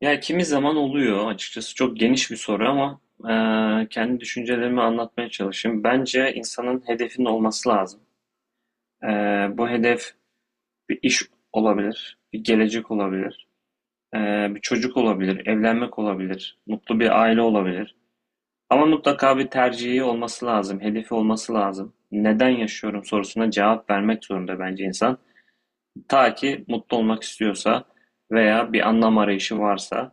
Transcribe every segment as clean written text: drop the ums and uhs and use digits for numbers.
Ya kimi zaman oluyor açıkçası çok geniş bir soru ama kendi düşüncelerimi anlatmaya çalışayım. Bence insanın hedefinin olması lazım. E, bu hedef bir iş olabilir, bir gelecek olabilir, e, bir çocuk olabilir, evlenmek olabilir, mutlu bir aile olabilir. Ama mutlaka bir tercihi olması lazım, hedefi olması lazım. Neden yaşıyorum sorusuna cevap vermek zorunda bence insan. Ta ki mutlu olmak istiyorsa veya bir anlam arayışı varsa,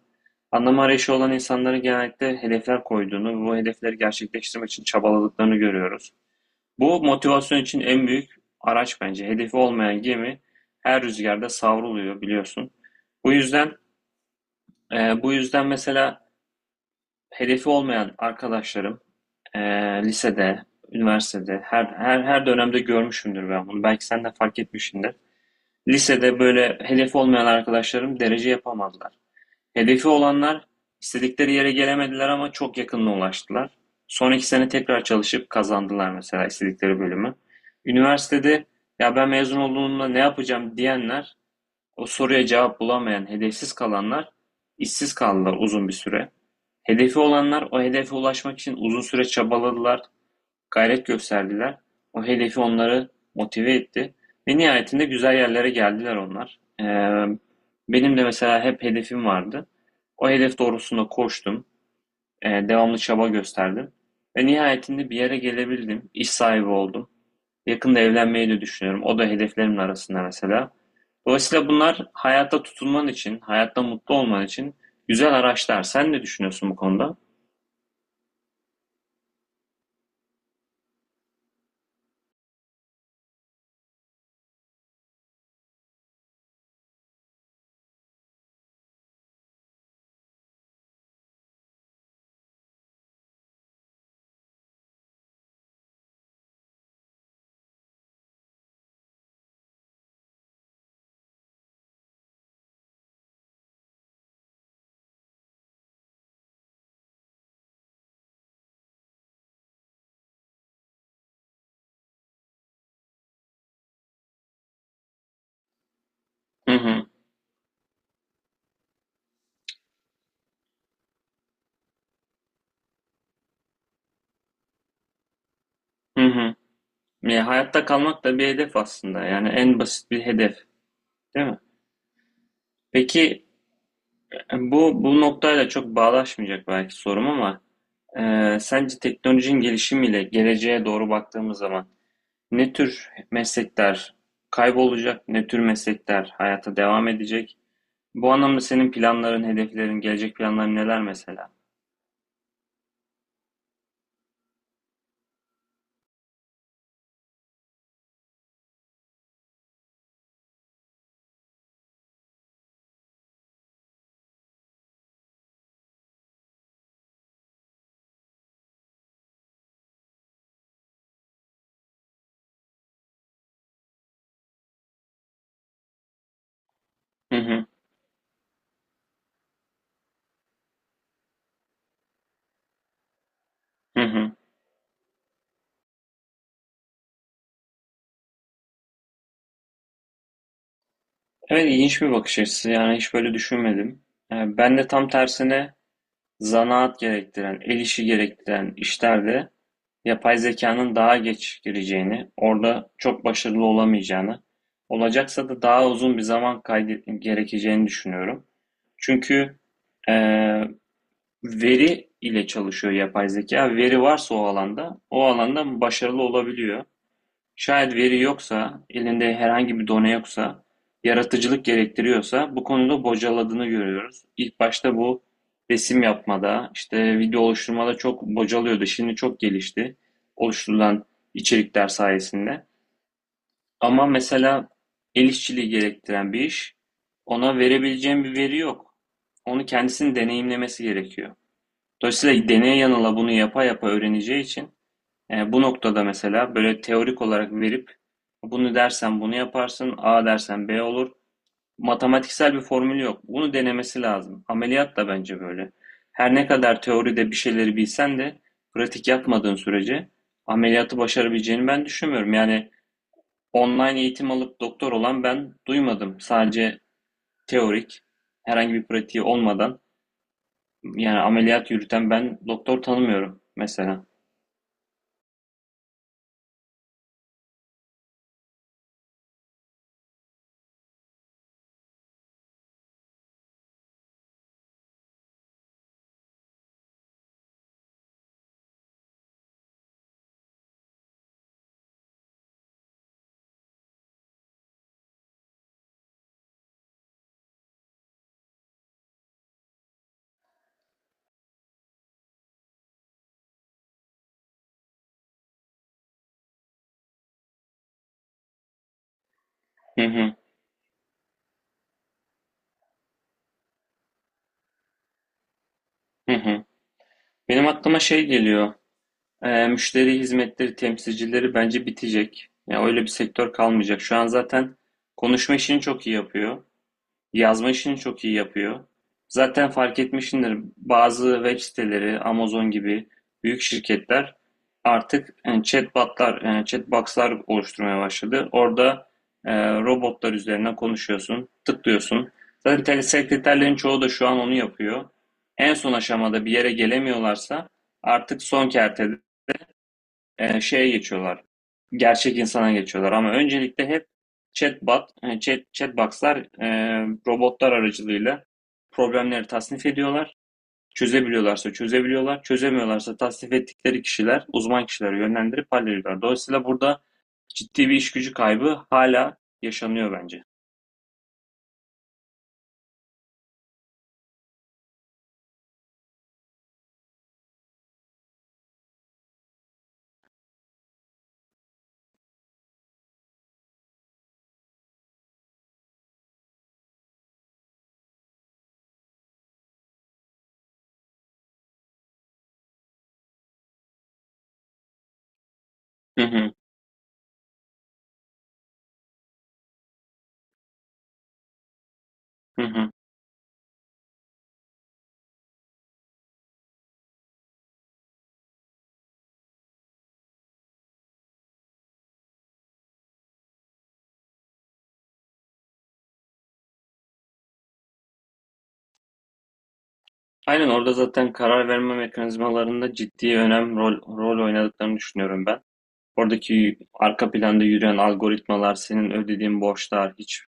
anlam arayışı olan insanların genellikle hedefler koyduğunu ve bu hedefleri gerçekleştirmek için çabaladıklarını görüyoruz. Bu motivasyon için en büyük araç bence. Hedefi olmayan gemi her rüzgarda savruluyor biliyorsun. Bu yüzden bu yüzden mesela hedefi olmayan arkadaşlarım e, lisede, üniversitede her dönemde görmüşümdür ben bunu. Belki sen de fark etmişsindir. Lisede böyle hedefi olmayan arkadaşlarım derece yapamadılar. Hedefi olanlar istedikleri yere gelemediler ama çok yakınına ulaştılar. Son iki sene tekrar çalışıp kazandılar mesela istedikleri bölümü. Üniversitede ya ben mezun olduğumda ne yapacağım diyenler, o soruya cevap bulamayan, hedefsiz kalanlar işsiz kaldılar uzun bir süre. Hedefi olanlar o hedefe ulaşmak için uzun süre çabaladılar, gayret gösterdiler, o hedefi onları motive etti ve nihayetinde güzel yerlere geldiler onlar. Benim de mesela hep hedefim vardı. O hedef doğrusunda koştum, devamlı çaba gösterdim ve nihayetinde bir yere gelebildim, iş sahibi oldum. Yakında evlenmeyi de düşünüyorum. O da hedeflerimin arasında mesela. Dolayısıyla bunlar hayatta tutunman için, hayatta mutlu olman için güzel araçlar. Sen ne düşünüyorsun bu konuda? Hı hı. Hı hı. Ya hayatta kalmak da bir hedef aslında. Yani en basit bir hedef, değil mi? Peki bu noktayla çok bağdaşmayacak belki sorum ama sence teknolojinin gelişimiyle geleceğe doğru baktığımız zaman ne tür meslekler kaybolacak, ne tür meslekler hayata devam edecek? Bu anlamda senin planların, hedeflerin, gelecek planların neler mesela? Hı hı, hı hı. Evet, ilginç bir bakış açısı. Yani hiç böyle düşünmedim. E, ben de tam tersine zanaat gerektiren, el işi gerektiren işlerde yapay zekanın daha geç gireceğini, orada çok başarılı olamayacağını, olacaksa da daha uzun bir zaman gerekeceğini düşünüyorum. Çünkü eee, veri ile çalışıyor yapay zeka. Veri varsa o alanda, o alanda başarılı olabiliyor. Şayet veri yoksa, elinde herhangi bir done yoksa, yaratıcılık gerektiriyorsa bu konuda bocaladığını görüyoruz. İlk başta bu resim yapmada, işte video oluşturmada çok bocalıyordu. Şimdi çok gelişti oluşturulan içerikler sayesinde. Ama mesela el işçiliği gerektiren bir iş, ona verebileceğim bir veri yok. Onu kendisinin deneyimlemesi gerekiyor. Dolayısıyla deneye yanıla bunu yapa yapa öğreneceği için bu noktada mesela böyle teorik olarak verip bunu dersen bunu yaparsın, A dersen B olur. Matematiksel bir formülü yok. Bunu denemesi lazım. Ameliyat da bence böyle. Her ne kadar teoride bir şeyleri bilsen de pratik yapmadığın sürece ameliyatı başarabileceğini ben düşünmüyorum. Yani online eğitim alıp doktor olan ben duymadım. Sadece teorik, herhangi bir pratiği olmadan yani ameliyat yürüten ben doktor tanımıyorum mesela. Hı hı, hı hı. Benim aklıma şey geliyor. Müşteri hizmetleri temsilcileri bence bitecek. Yani öyle bir sektör kalmayacak. Şu an zaten konuşma işini çok iyi yapıyor. Yazma işini çok iyi yapıyor. Zaten fark etmişsindir, bazı web siteleri, Amazon gibi büyük şirketler artık chatbotlar, chatboxlar oluşturmaya başladı. Orada robotlar üzerinden konuşuyorsun, tıklıyorsun. Zaten telesekreterlerin çoğu da şu an onu yapıyor. En son aşamada bir yere gelemiyorlarsa artık son kertede şeye geçiyorlar. Gerçek insana geçiyorlar ama öncelikle hep chatbot, chatbox'lar e, robotlar aracılığıyla problemleri tasnif ediyorlar. Çözebiliyorlarsa çözebiliyorlar, çözemiyorlarsa tasnif ettikleri kişiler, uzman kişileri yönlendirip hallediyorlar. Dolayısıyla burada ciddi bir iş gücü kaybı hala yaşanıyor bence. Hı hı, hı hı. Aynen, orada zaten karar verme mekanizmalarında ciddi önem rol oynadıklarını düşünüyorum ben. Oradaki arka planda yürüyen algoritmalar, senin ödediğin borçlar, hiç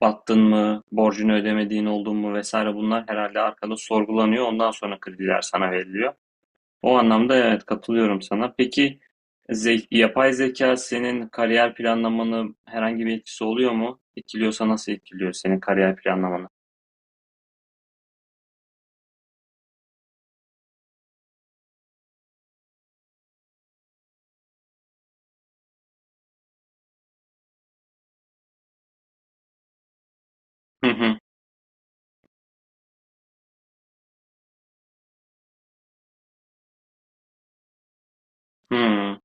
battın mı, borcunu ödemediğin oldun mu vesaire bunlar herhalde arkada sorgulanıyor. Ondan sonra krediler sana veriliyor. O anlamda evet, katılıyorum sana. Peki yapay zeka senin kariyer planlamanı herhangi bir etkisi oluyor mu? Etkiliyorsa nasıl etkiliyor senin kariyer planlamanı? Hı hı. Hı hı.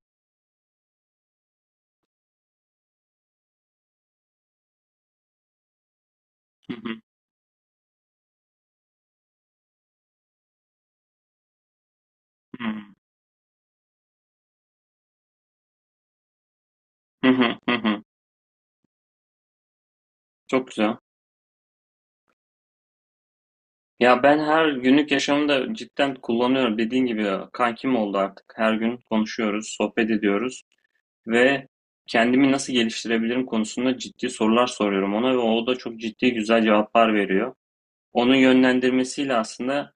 Hı hı. Hı hı. Hı hı. Hı hı. Çok güzel. Ya ben her günlük yaşamımda cidden kullanıyorum. Dediğin gibi kankim oldu artık. Her gün konuşuyoruz, sohbet ediyoruz ve kendimi nasıl geliştirebilirim konusunda ciddi sorular soruyorum ona ve o da çok ciddi güzel cevaplar veriyor. Onun yönlendirmesiyle aslında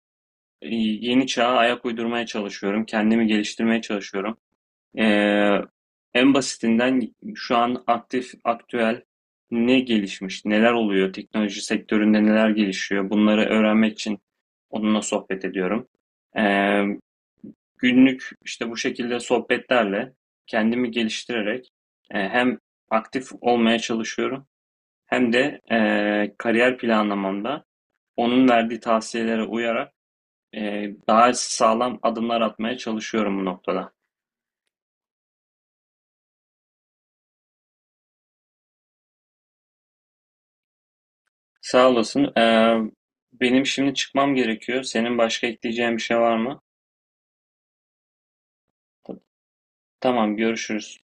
yeni çağa ayak uydurmaya çalışıyorum, kendimi geliştirmeye çalışıyorum. Ee, En basitinden şu an aktif, aktüel ne gelişmiş, neler oluyor, teknoloji sektöründe neler gelişiyor, bunları öğrenmek için onunla sohbet ediyorum. Ee, Günlük işte bu şekilde sohbetlerle kendimi geliştirerek hem aktif olmaya çalışıyorum hem de kariyer planlamamda onun verdiği tavsiyelere uyarak e, daha sağlam adımlar atmaya çalışıyorum bu noktada. Sağ olasın. Benim şimdi çıkmam gerekiyor. Senin başka ekleyeceğin bir şey var mı? Tamam, görüşürüz.